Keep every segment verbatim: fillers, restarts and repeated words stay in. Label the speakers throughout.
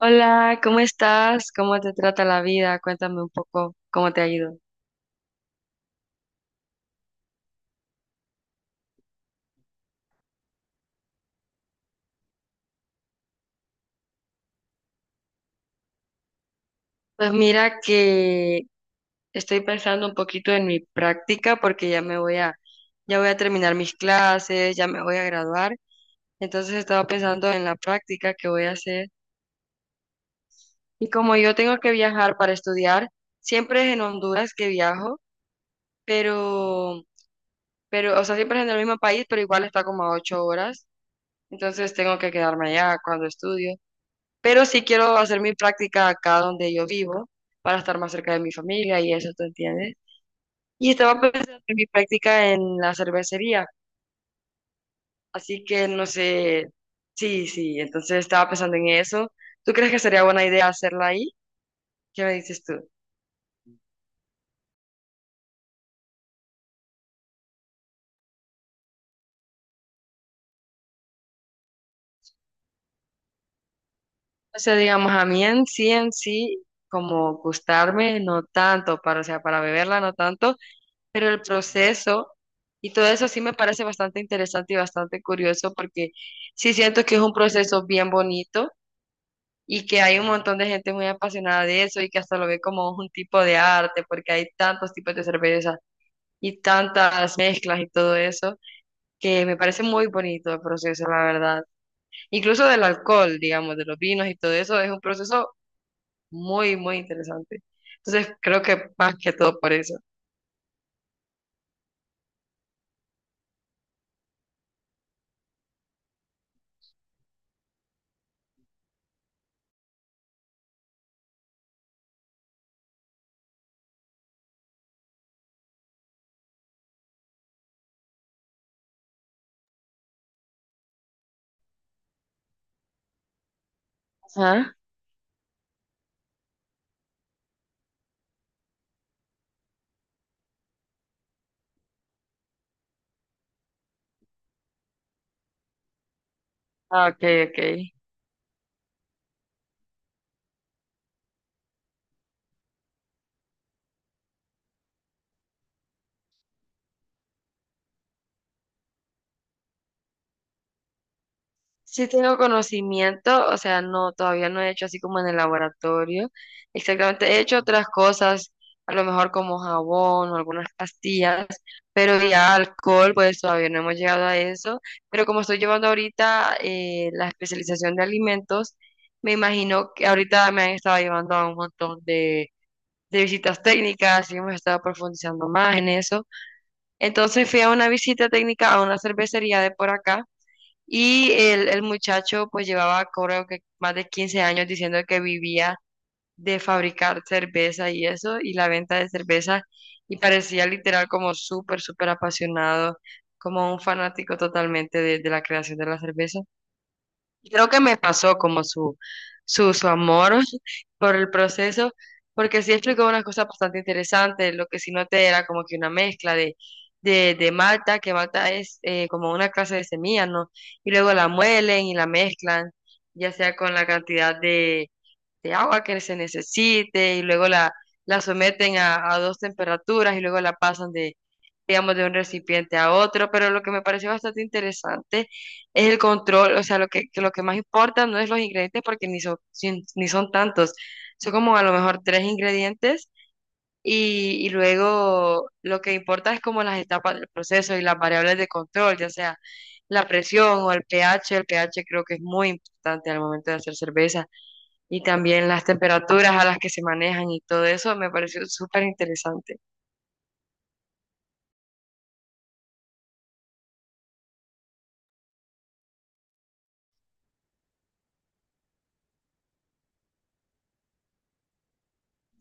Speaker 1: Hola, ¿cómo estás? ¿Cómo te trata la vida? Cuéntame un poco cómo te ha ido. Pues mira que estoy pensando un poquito en mi práctica porque ya me voy a, ya voy a terminar mis clases, ya me voy a graduar. Entonces estaba pensando en la práctica que voy a hacer. Y como yo tengo que viajar para estudiar, siempre es en Honduras que viajo, pero, pero, o sea, siempre es en el mismo país, pero igual está como a ocho horas. Entonces tengo que quedarme allá cuando estudio. Pero sí quiero hacer mi práctica acá donde yo vivo para estar más cerca de mi familia y eso, ¿tú entiendes? Y estaba pensando en mi práctica en la cervecería, así que no sé. Sí, sí, entonces estaba pensando en eso. ¿Tú crees que sería buena idea hacerla ahí? ¿Qué me dices tú? O sea, digamos, a mí en sí, en sí, como gustarme, no tanto, para, o sea, para beberla, no tanto. Pero el proceso y todo eso sí me parece bastante interesante y bastante curioso, porque sí siento que es un proceso bien bonito y que hay un montón de gente muy apasionada de eso y que hasta lo ve como un tipo de arte, porque hay tantos tipos de cerveza y tantas mezclas y todo eso, que me parece muy bonito el proceso, la verdad. Incluso del alcohol, digamos, de los vinos y todo eso, es un proceso muy, muy interesante. Entonces creo que más que todo por eso. Ajá. Ah, ok, ok. Sí tengo conocimiento, o sea, no, todavía no he hecho así como en el laboratorio. Exactamente, he hecho otras cosas, a lo mejor como jabón o algunas pastillas, pero ya alcohol, pues todavía no hemos llegado a eso. Pero como estoy llevando ahorita eh, la especialización de alimentos, me imagino que ahorita me han estado llevando a un montón de, de visitas técnicas y hemos estado profundizando más en eso. Entonces fui a una visita técnica a una cervecería de por acá y el, el muchacho pues llevaba creo que más de quince años diciendo que vivía de fabricar cerveza y eso, y la venta de cerveza, y parecía literal como súper, súper apasionado, como un fanático totalmente de, de la creación de la cerveza. Creo que me pasó como su, su, su amor por el proceso, porque sí explicó unas cosas bastante interesantes. Lo que sí noté era como que una mezcla de, de, de malta, que malta es eh, como una clase de semilla, ¿no? Y luego la muelen y la mezclan, ya sea con la cantidad de, de agua que se necesite, y luego la, la someten a, a dos temperaturas, y luego la pasan de, digamos, de un recipiente a otro. Pero lo que me pareció bastante interesante es el control, o sea, lo que, que lo que más importa no es los ingredientes, porque ni son, sin- ni son tantos, son como a lo mejor tres ingredientes, y, y luego lo que importa es como las etapas del proceso y las variables de control, ya sea la presión o el pH. El pH creo que es muy importante al momento de hacer cerveza, y también las temperaturas a las que se manejan, y todo eso me pareció súper interesante.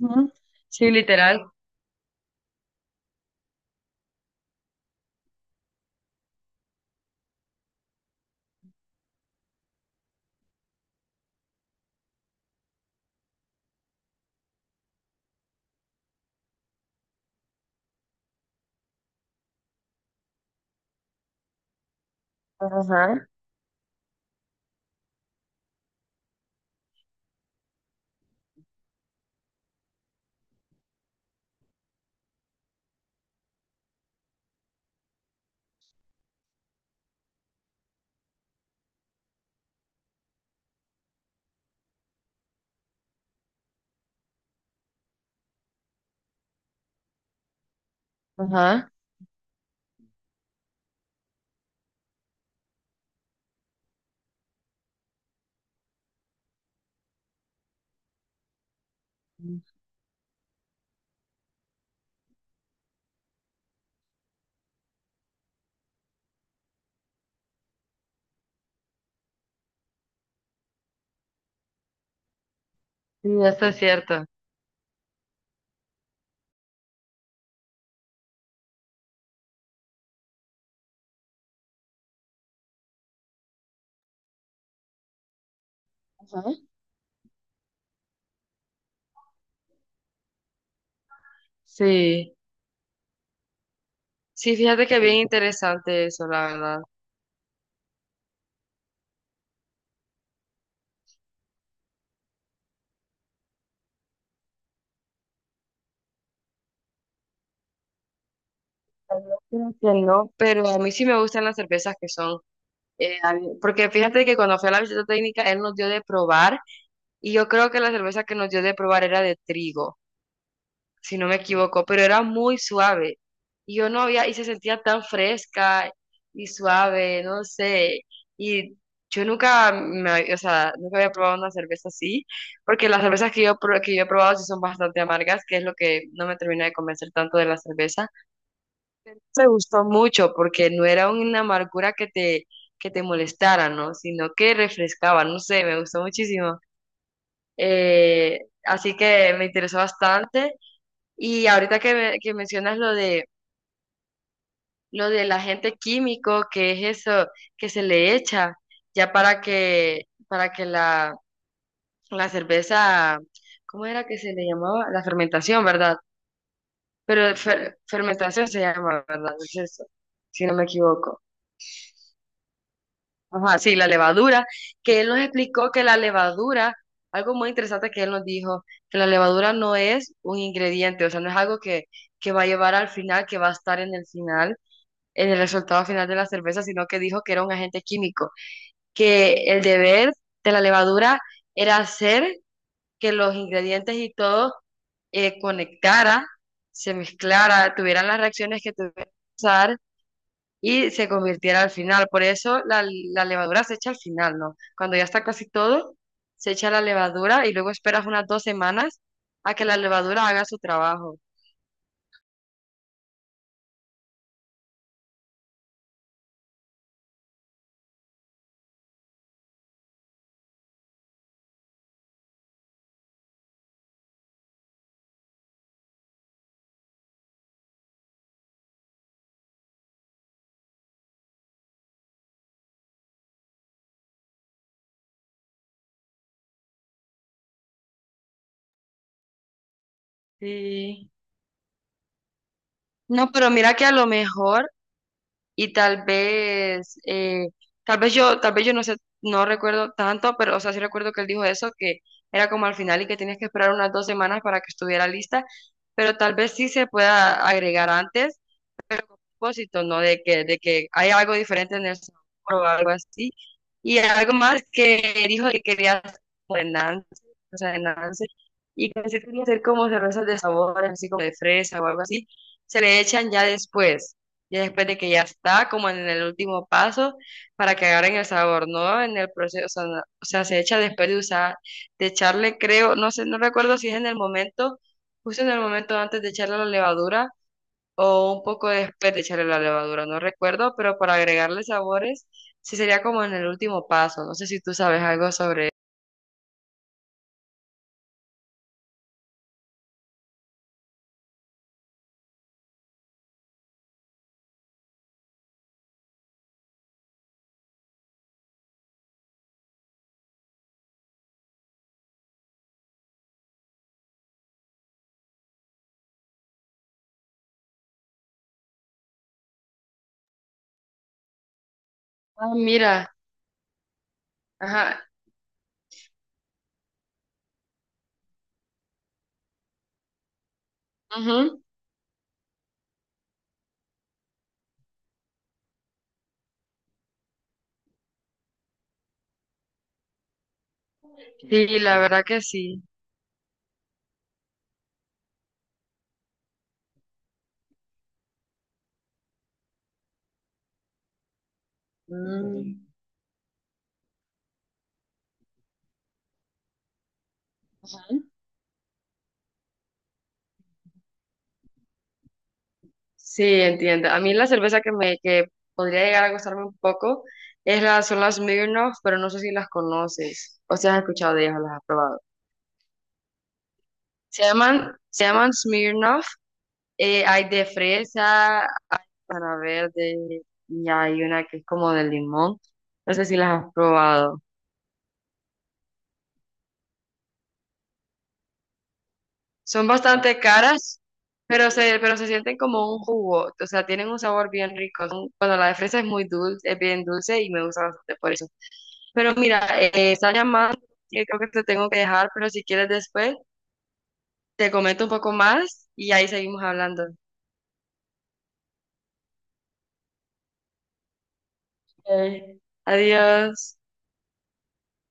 Speaker 1: Ujú. Sí, literal. Ajá, ajá. Sí, eso es cierto. Ajá. Sí. Sí, fíjate que bien interesante eso, la verdad. Creo que no, pero a mí sí me gustan las cervezas que son, eh, abi- porque fíjate que cuando fui a la visita técnica, él nos dio de probar, y yo creo que la cerveza que nos dio de probar era de trigo, si no me equivoco, pero era muy suave. Y yo no había, y se sentía tan fresca y suave, no sé. Y yo nunca me, hab- o sea, nunca había probado una cerveza así, porque las cervezas que yo, pro- que yo he probado sí son bastante amargas, que es lo que no me termina de convencer tanto de la cerveza. Me gustó mucho porque no era una amargura que te, que te molestara, ¿no? Sino que refrescaba, no sé, me gustó muchísimo. Eh, Así que me interesó bastante. Y ahorita que, me- que mencionas lo de lo del agente químico, que es eso que se le echa ya para que para que la, la cerveza, ¿cómo era que se le llamaba? La fermentación, ¿verdad? Pero fer- fermentación se llama, ¿verdad? Es eso, si no me equivoco. Ajá, sí, la levadura, que él nos explicó que la levadura, algo muy interesante que él nos dijo, que la levadura no es un ingrediente, o sea, no es algo que, que va a llevar al final, que va a estar en el final en el resultado final de la cerveza, sino que dijo que era un agente químico, que el deber de la levadura era hacer que los ingredientes y todo eh, conectara, se mezclara, tuvieran las reacciones que tuvieran que pasar y se convirtiera al final. Por eso la, la levadura se echa al final, ¿no? Cuando ya está casi todo, se echa la levadura y luego esperas unas dos semanas a que la levadura haga su trabajo. Sí. No, pero mira que a lo mejor y tal vez, eh, tal vez yo, tal vez yo no sé, no recuerdo tanto, pero o sea, sí recuerdo que él dijo eso, que era como al final y que tenías que esperar unas dos semanas para que estuviera lista, pero tal vez sí se pueda agregar antes, pero con propósito, ¿no? De que, de que hay algo diferente en el sabor o algo así. Y algo más que dijo que quería hacer como de Nancy, o sea, de Nancy, y que sí quería hacer como cervezas de sabor, así como de fresa o algo así, se le echan ya después, ya después de que ya está, como en el último paso, para que agarren el sabor, ¿no? En el proceso, o sea, no- o sea, se echa después de usar, de echarle, creo, no sé, no recuerdo si es en el momento, justo en el momento antes de echarle la levadura o un poco después de echarle la levadura, no recuerdo, pero para agregarle sabores, sí sería como en el último paso. No sé si tú sabes algo sobre. Ah, mira, ajá. Ujú. Sí, la verdad que sí. Mm. Sí, entiendo. A mí la cerveza que me que podría llegar a gustarme un poco es la, son las Smirnoff, pero no sé si las conoces o si has escuchado de ellas o las has probado. Se llaman, se llaman Smirnoff. Eh, hay de fresa, hay para verde y hay una que es como de limón. No sé si las has probado. Son bastante caras, pero se, pero se sienten como un jugo. O sea, tienen un sabor bien rico. Son- bueno, la de fresa es muy dulce, es bien dulce y me gusta bastante por eso. Pero mira, eh, está llamando, y creo que te tengo que dejar, pero si quieres después, te comento un poco más y ahí seguimos hablando. Ok. Adiós.